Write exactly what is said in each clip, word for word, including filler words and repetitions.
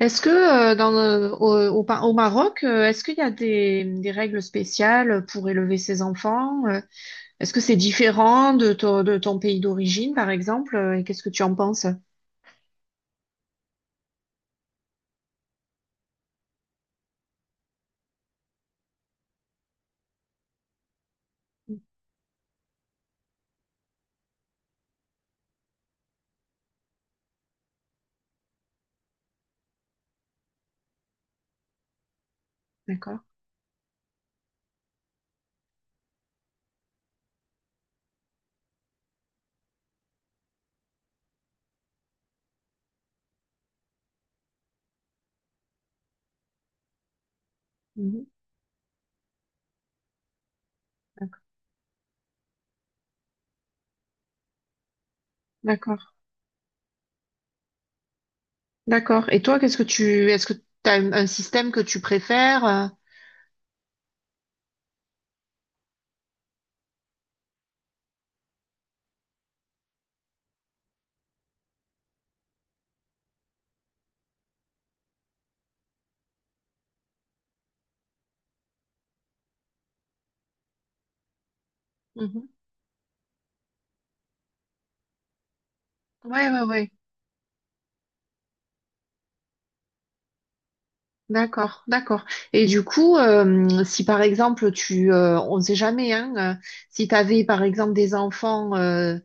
Est-ce que euh, dans le- au, au Pa- au Maroc, euh, est-ce qu'il y a des, des règles spéciales pour élever ses enfants? euh Est-ce que c'est différent de ton, de ton pays d'origine, par exemple? euh, Et qu'est-ce que tu en penses? D'accord. Mhm. D'accord. D'accord. Et toi, qu'est-ce que tu, est-ce que tu as un, un système que tu préfères? euh Mhm. Ouais, ouais, ouais. D'accord, d'accord. Et du coup, euh, si par exemple tu, euh, on ne sait jamais, hein, euh, si tu avais par exemple des enfants. euh,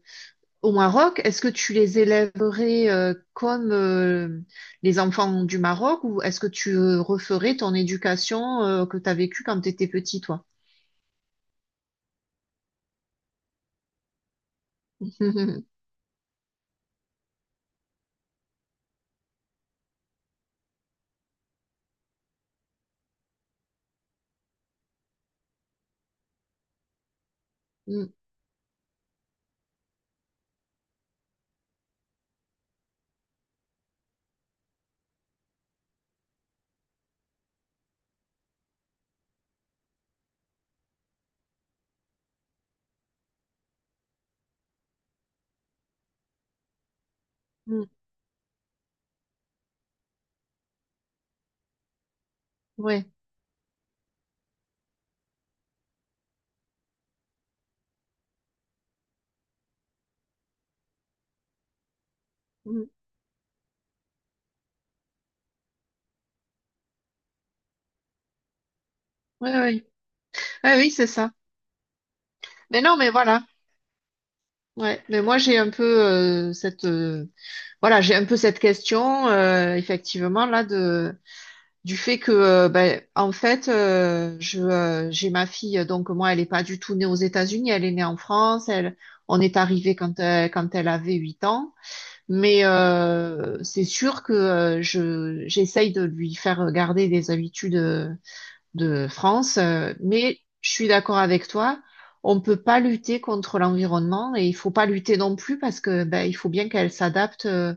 Au Maroc, est-ce que tu les élèverais euh, comme euh, les enfants du Maroc ou est-ce que tu euh, referais ton éducation euh, que tu as vécue quand tu étais petit, toi? Mm, mm. Ouais. Mm, ouais, ouais. Ah oui, c'est ça. Mais non, mais voilà. Ouais. Mais moi, j'ai un peu euh, cette euh, voilà, j'ai un peu cette question euh, effectivement là du fait que euh, ben, en fait euh, je euh, j'ai ma fille, euh, donc moi elle est pas du tout née aux États-Unis, elle est née en France. Elle On est arrivé quand elle, quand elle avait huit ans, mais euh, c'est sûr que euh, je j'essaye de lui faire garder des habitudes euh, de France, euh, mais je suis d'accord avec toi, on peut pas lutter contre l'environnement et il faut pas lutter non plus parce que ben il faut bien qu'elle s'adapte euh,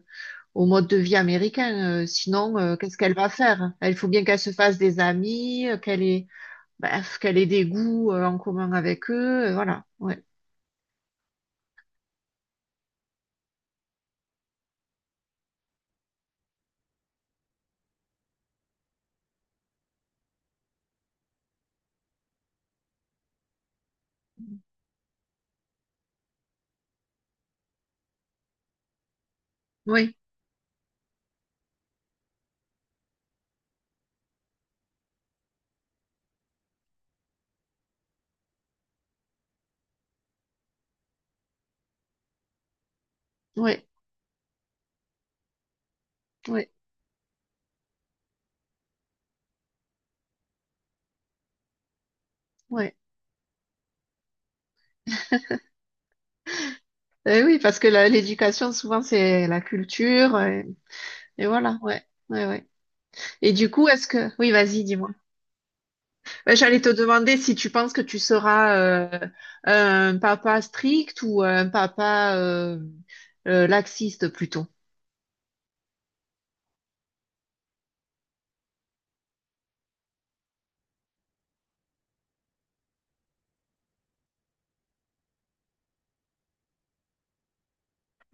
au mode de vie américain. Euh, sinon, euh, qu'est-ce qu'elle va faire? Il faut bien qu'elle se fasse des amis, euh, qu'elle ait, bref, qu'elle ait des goûts euh, en commun avec eux. Euh, voilà. Ouais. Oui, oui, oui, oui. Eh oui, parce que la- l'éducation, souvent, c'est la culture. euh, Et voilà, ouais. Ouais, ouais. Et du coup, est-ce que… Oui, vas-y, dis-moi. Ouais, j'allais te demander si tu penses que tu seras euh, un papa strict ou un papa euh, euh, laxiste plutôt.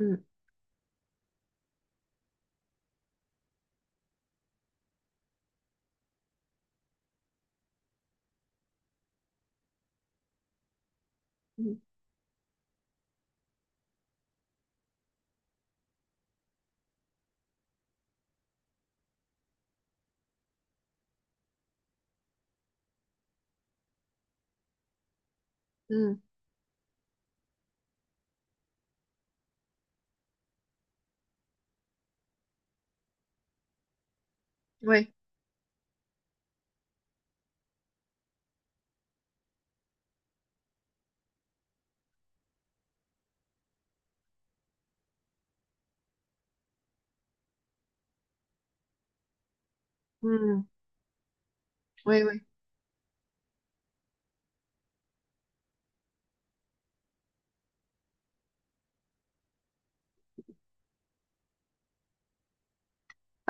Mm, mm, mm. Ouais. Mmh. Oui, oui.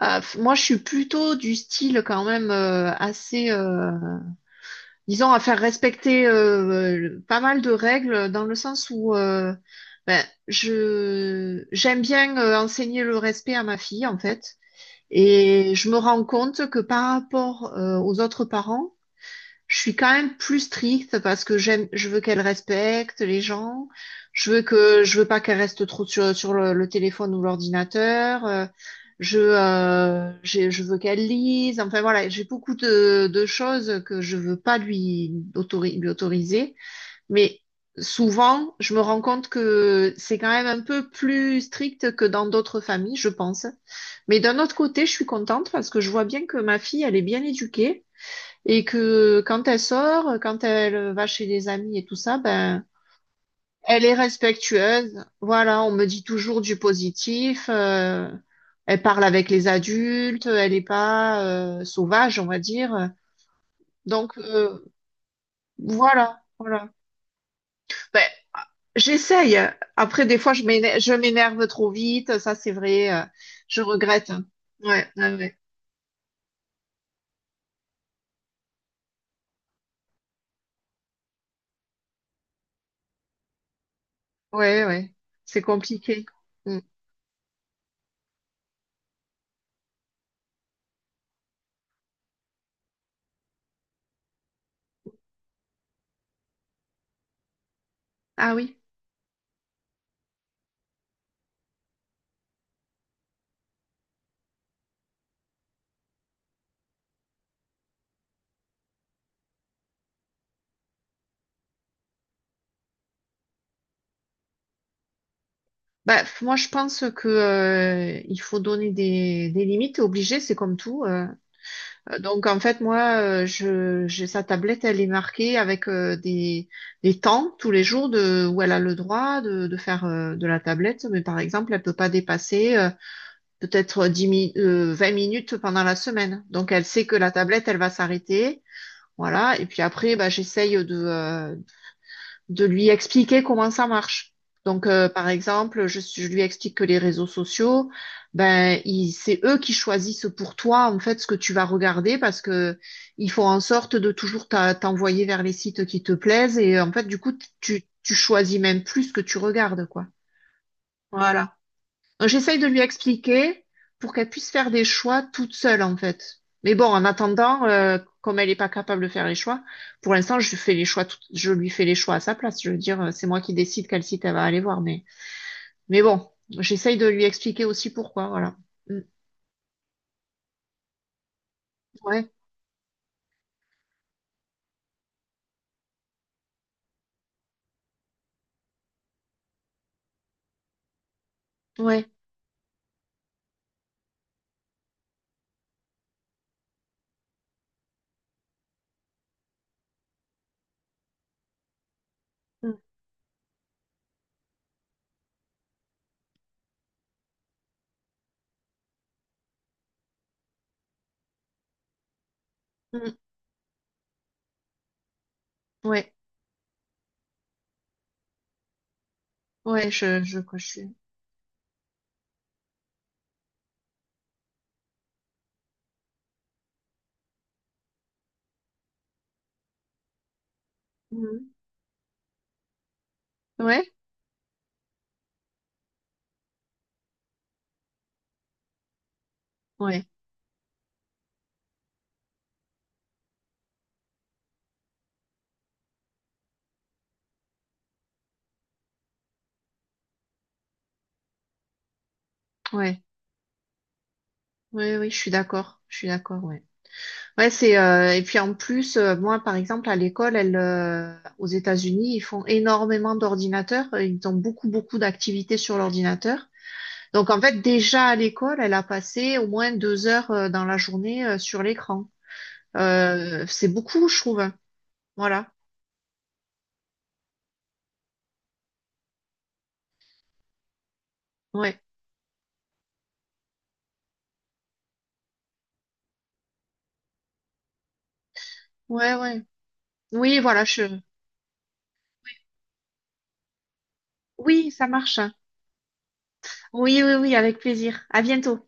Euh, f- moi, je suis plutôt du style quand même euh, assez, euh, disons, à faire respecter euh, euh, pas mal de règles dans le sens où euh, ben, je j'aime bien euh, enseigner le respect à ma fille en fait, et je me rends compte que par rapport euh, aux autres parents, je suis quand même plus stricte parce que j'aime, je veux qu'elle respecte les gens. Je veux que, je veux pas qu'elle reste trop sur, sur le, le téléphone ou l'ordinateur. Euh, je, euh, j'ai- je veux qu'elle lise. Enfin voilà, j'ai beaucoup de, de choses que je veux pas lui, autori- lui autoriser. Mais souvent, je me rends compte que c'est quand même un peu plus strict que dans d'autres familles, je pense. Mais d'un autre côté, je suis contente parce que je vois bien que ma fille, elle est bien éduquée. Et que quand elle sort, quand elle va chez des amis et tout ça, ben, elle est respectueuse. Voilà, on me dit toujours du positif. Euh, elle parle avec les adultes, elle n'est pas euh, sauvage, on va dire. Donc euh, voilà, voilà. Ben, j'essaye. Après, des fois, je m'éner- je m'énerve trop vite. Ça, c'est vrai. Euh, je regrette. Ouais, ouais, ouais, ouais, ouais. C'est compliqué. Mm. Ah oui. Bah, f- moi, je pense que euh, il faut donner des, des limites, t'es obligé, c'est comme tout. euh. Euh, Donc, en fait, moi, euh, je, j'ai sa tablette, elle est marquée avec euh, des, des temps tous les jours de où elle a le droit de, de faire euh, de la tablette, mais par exemple, elle peut pas dépasser euh, peut-être dix mi- euh, vingt minutes pendant la semaine. Donc, elle sait que la tablette, elle va s'arrêter. Voilà, et puis après, bah, j'essaye de, euh, de lui expliquer comment ça marche. Donc, euh, par exemple, je, je lui explique que les réseaux sociaux, ben, ils- c'est eux qui choisissent pour toi, en fait, ce que tu vas regarder parce que ils font en sorte de toujours t'a- t'envoyer vers les sites qui te plaisent et, en fait, du coup, tu, tu choisis même plus ce que tu regardes, quoi. Voilà. Euh, J'essaye de lui expliquer pour qu'elle puisse faire des choix toute seule, en fait. Mais bon, en attendant, euh, comme elle n'est pas capable de faire les choix, pour l'instant, je fais les choix, tout- je lui fais les choix à sa place. Je veux dire, euh, c'est moi qui décide quel site elle va aller voir. Mais, mais bon, j'essaye de lui expliquer aussi pourquoi, voilà. Mm. Ouais, ouais. Mm. Mm. Ouais, ouais, je, je, je suis. Mm. Ouais, ouais, ouais, ouais, oui, je suis d'accord, je suis d'accord, ouais. Ouais, c'est euh, et puis en plus, euh, moi par exemple à l'école, elle, euh, aux États-Unis, ils font énormément d'ordinateurs, euh, ils ont beaucoup beaucoup d'activités sur l'ordinateur. Donc en fait déjà à l'école, elle a passé au moins deux heures euh, dans la journée euh, sur l'écran. Euh, c'est beaucoup, je trouve, hein. Voilà. Ouais, ouais, ouais. Oui, voilà. Je… Oui, ça marche, hein. Oui, oui, oui, avec plaisir. À bientôt.